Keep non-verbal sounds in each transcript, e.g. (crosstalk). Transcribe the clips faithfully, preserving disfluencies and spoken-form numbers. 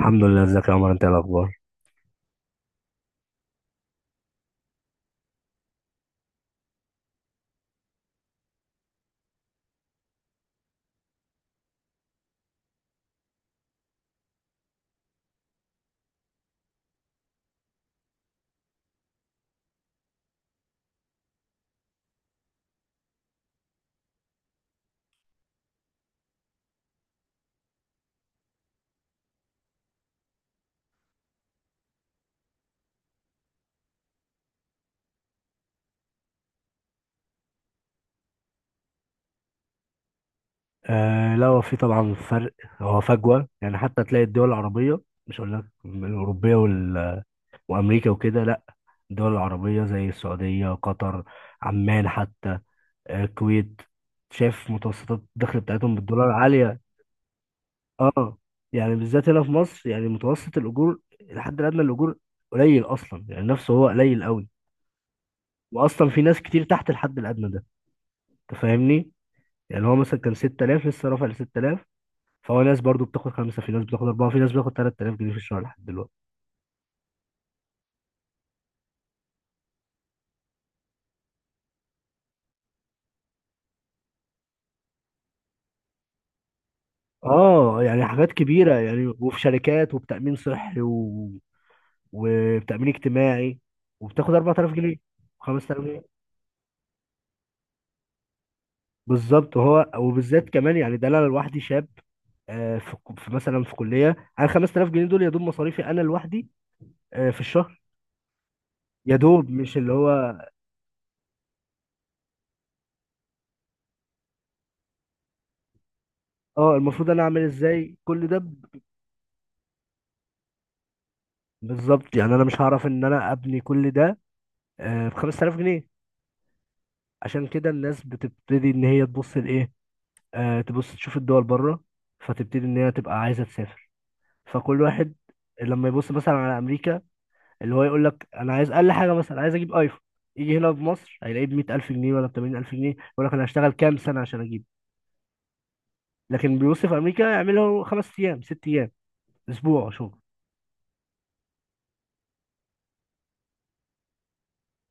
الحمد لله، ازيك يا عمر؟ انت ايه الاخبار؟ آه، لا، هو في طبعا فرق. هو فجوه، يعني حتى تلاقي الدول العربيه، مش هقول لك الاوروبيه وال... وامريكا وكده، لا. الدول العربيه زي السعوديه، قطر، عمان، حتى آه، الكويت. شايف متوسطات الدخل بتاعتهم بالدولار عاليه. اه، يعني بالذات هنا في مصر، يعني متوسط الاجور، الحد الادنى الاجور قليل اصلا، يعني نفسه هو قليل قوي. واصلا في ناس كتير تحت الحد الادنى ده، انت فاهمني؟ يعني هو مثلا كان ستة آلاف، لسه رافع ل ستة آلاف. فهو ناس برضو بتاخد خمسة، في ناس بتاخد أربعة، في ناس بتاخد ثلاث تلاف جنيه في الشهر لحد دلوقتي. اه، يعني حاجات كبيرة، يعني وفي شركات وبتأمين صحي و... وبتأمين اجتماعي، وبتاخد اربعة آلاف جنيه، خمسة آلاف جنيه. بالظبط، وهو وبالذات كمان، يعني ده انا لوحدي شاب. آه، في في مثلا في كلية، انا خمس تلاف جنيه دول يا دوب مصاريفي انا لوحدي، آه، في الشهر. يا دوب مش اللي هو، اه المفروض انا اعمل ازاي كل ده ب- بالظبط، يعني انا مش هعرف ان انا ابني كل ده آه، ب خمسة آلاف جنيه. عشان كده الناس بتبتدي ان هي تبص لايه، آه تبص تشوف الدول بره، فتبتدي ان هي تبقى عايزه تسافر. فكل واحد لما يبص مثلا على امريكا، اللي هو يقول لك انا عايز اقل حاجه، مثلا عايز اجيب ايفون، يجي هنا في مصر هيلاقيه ب مية الف جنيه ولا ب تمانين الف جنيه، يقول لك انا هشتغل كام سنه عشان اجيب. لكن بيبص في امريكا يعمله خمس ايام، ست ايام، اسبوع شغل.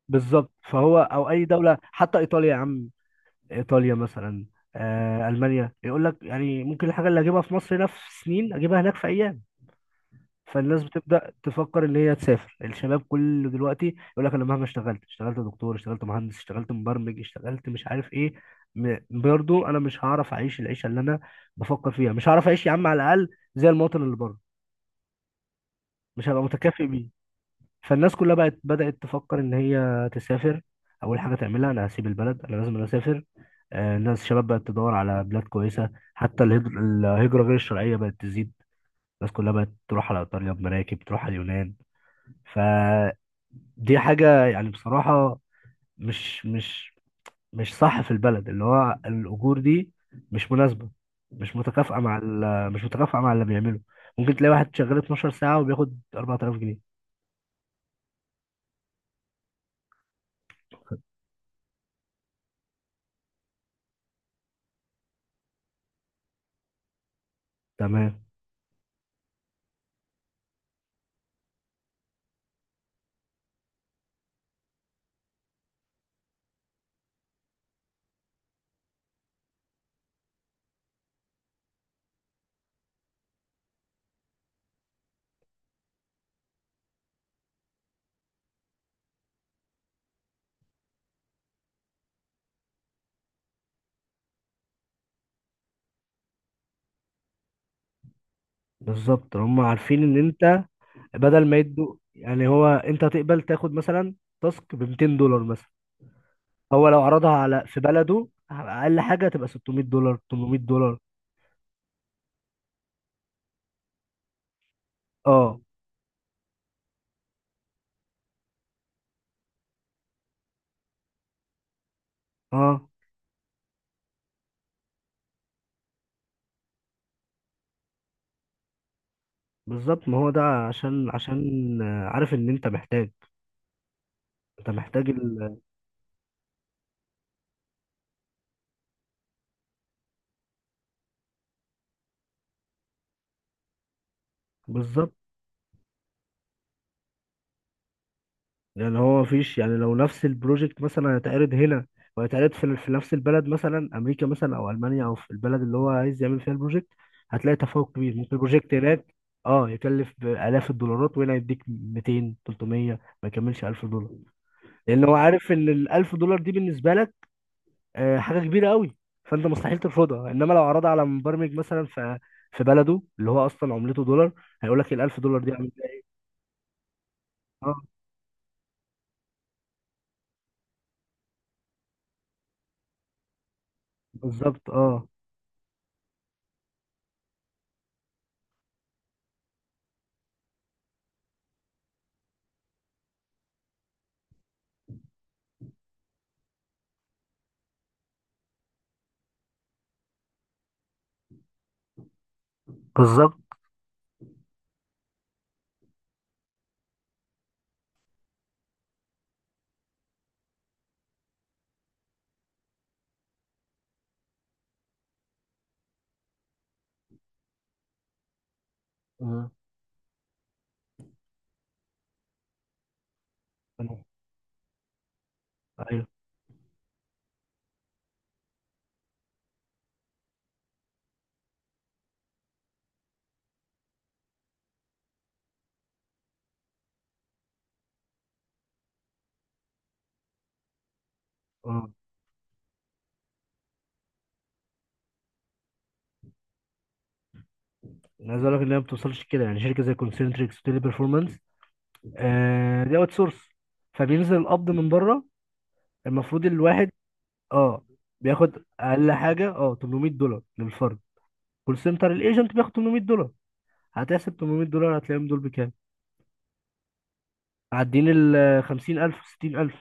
بالظبط، فهو او اي دوله، حتى ايطاليا يا عم، ايطاليا مثلا، آه المانيا، يقول لك يعني ممكن الحاجه اللي اجيبها في مصر هنا في سنين، اجيبها هناك في ايام. فالناس بتبدا تفكر اللي هي تسافر. الشباب كله دلوقتي يقول لك انا مهما اشتغلت، اشتغلت دكتور، اشتغلت مهندس، اشتغلت مبرمج، اشتغلت مش عارف ايه، م- برضه انا مش هعرف اعيش العيشه اللي انا بفكر فيها، مش هعرف اعيش يا عم، على الاقل زي المواطن اللي بره، مش هبقى متكافئ بيه. فالناس كلها بقت بدات تفكر ان هي تسافر. اول حاجه تعملها، انا هسيب البلد، انا لازم أنا اسافر. آه، الناس الشباب بقت تدور على بلاد كويسه، حتى الهجر- الهجره غير الشرعيه بقت تزيد. الناس كلها بقت تروح على ايطاليا بمراكب، تروح على اليونان. فدي حاجة يعني بصراحة مش مش مش صح، في البلد اللي هو الأجور دي مش مناسبة، مش متكافئة مع ال- مش متكافئة مع اللي بيعمله. ممكن تلاقي واحد شغال اتناشر ساعة وبياخد اربعة آلاف جنيه. تمام. بالظبط، هم عارفين إن أنت، بدل ما يدوا، يعني هو أنت هتقبل تاخد مثلا تاسك ب ميتين دولار مثلا، هو لو عرضها على في بلده، أقل حاجة تبقى ستمئة دولار، تمن ميه دولار. اه، اه، بالظبط. ما هو ده عشان عشان آه، عارف ان انت محتاج. انت محتاج ال... بالظبط. يعني هو مفيش، يعني لو نفس البروجكت مثلا هيتعرض هنا، وهيتعرض في, في نفس البلد، مثلا امريكا، مثلا او المانيا، او في البلد اللي هو عايز يعمل فيها البروجكت، هتلاقي تفاوت كبير. ممكن البروجكت هناك اه يكلف بالاف الدولارات، وهنا يديك ميتين، تلت ميه، ما يكملش ألف دولار، لان هو عارف ان ال ألف دولار دي بالنسبه لك آه، حاجه كبيره قوي، فانت مستحيل ترفضها. انما لو عرضها على مبرمج مثلا في في بلده، اللي هو اصلا عملته دولار، هيقول لك ال ألف دولار دي عامل ايه؟ اه، بالظبط. اه، بالظبط. آه. أنا- ايوه، اه. انا عايز اقول لك ان هي ما بتوصلش كده، يعني شركه زي كونسنتريكس وتيلي بيرفورمانس، آه دي اوت سورس. فبينزل القبض من بره، المفروض الواحد اه بياخد اقل حاجه اه تمن ميه دولار للفرد. كول سنتر، الايجنت بياخد تمن ميه دولار. هتحسب تمن ميه دولار، هتلاقيهم دول بكام؟ معديين ال خمسين الف، ستين الف؟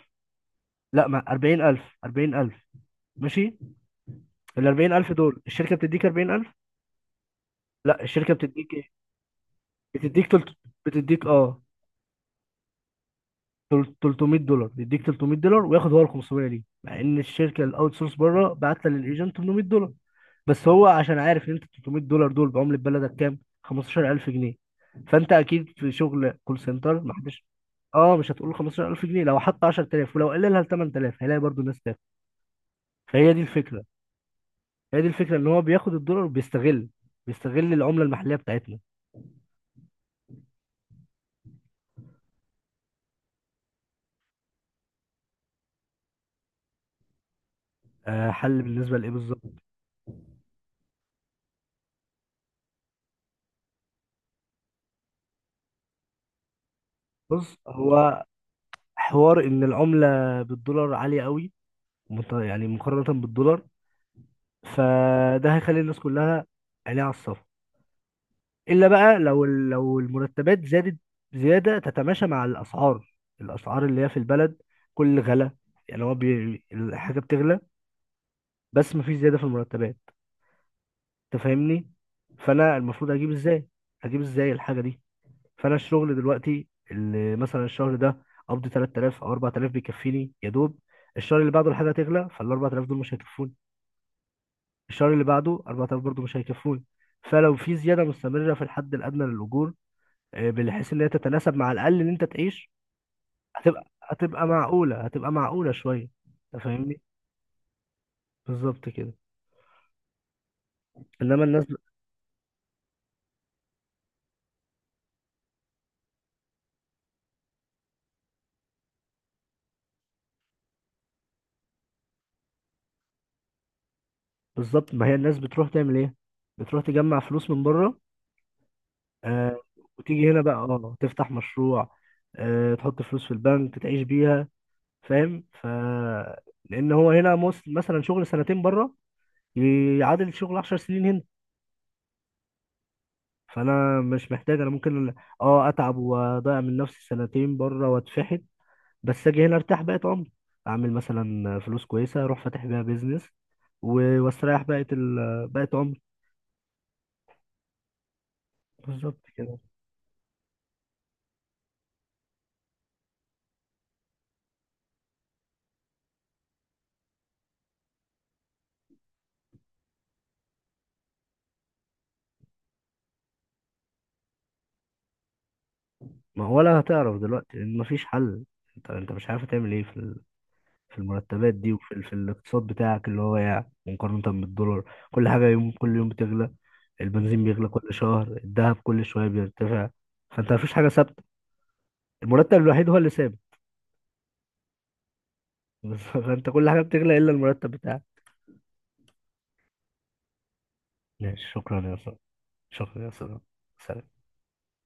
لا، ما اربعين الف، اربعين الف. ماشي، ال اربعين الف دول الشركة بتديك اربعين الف؟ لا، الشركة بتديك ايه؟ بتديك تلت... بتديك اه تل- ثلاثمئة دولار، يديك تلت ميه دولار وياخد هو ال خمسمئة. ليه؟ مع ان الشركة الاوت سورس بره بعت للايجنت تمن ميه دولار، بس هو عشان عارف ان انت تلت ميه دولار دول بعملة بلدك كام؟ خمستاشر الف جنيه. فانت اكيد في شغل كول سنتر ما حدش، اه مش هتقول خمستاشر الف جنيه، لو حط عشر تلاف ولو قللها ل ثمانية آلاف هيلاقي برضو الناس تاخد. فهي دي الفكرة، هي دي الفكره، ان هو بياخد الدولار، بيستغل بيستغل العمله المحليه بتاعتنا. آه، حل بالنسبه لايه بالظبط؟ بص هو، حوار ان العمله بالدولار عاليه قوي، مت- يعني مقارنه بالدولار، فده هيخلي الناس كلها عينيها على الصفر. الا بقى لو ال- لو المرتبات زادت زياده تتماشى مع الاسعار، الاسعار اللي هي في البلد، كل غلا. يعني هو بي... الحاجه بتغلى، بس مفيش زياده في المرتبات، انت فاهمني؟ فانا المفروض اجيب ازاي؟ اجيب ازاي الحاجه دي؟ فانا الشغل دلوقتي، اللي مثلا الشهر ده قبضي ثلاثة آلاف او اربعة آلاف، بيكفيني يا دوب. الشهر اللي بعده الحاجه تغلى، فال اربعة آلاف دول مش هيكفوني. الشهر اللي بعده اربعة آلاف برضه مش هيكفوني. فلو في زياده مستمره في الحد الادنى للاجور، آه، بحيث ان هي تتناسب مع الاقل اللي انت تعيش، هتبقى هتبقى معقوله، هتبقى معقوله شويه، انت فاهمني؟ بالظبط كده. انما الناس، بالظبط، ما هي الناس بتروح تعمل ايه؟ بتروح تجمع فلوس من بره. آه، وتيجي هنا بقى اه تفتح مشروع، آه تحط فلوس في البنك تعيش بيها، فاهم؟ ف لان هو هنا مس- مثلا شغل سنتين بره يعادل شغل عشر سنين هنا. فانا مش محتاج. انا ممكن اه اتعب واضيع من نفسي سنتين بره واتفحت، بس اجي هنا ارتاح بقيت عمري، اعمل مثلا فلوس كويسه، اروح فاتح بيها بيزنس، و- واستريح بقيه ال... بقيه عمري. بالظبط كده. ما هو ولا هتعرف دلوقتي، لأن مفيش حل. انت انت مش عارف تعمل ايه في في المرتبات دي، وفي ال- في الاقتصاد بتاعك اللي هو يعني مقارنة بالدولار. كل حاجة يوم، كل يوم بتغلى. البنزين بيغلى كل شهر، الذهب كل شوية بيرتفع، فانت مفيش حاجة ثابتة. المرتب الوحيد هو اللي ثابت. (laughs) بس فانت كل حاجة بتغلى إلا المرتب بتاعك. ماشي، شكرا يا صاحبي. شكرا يا صاحبي. سلام.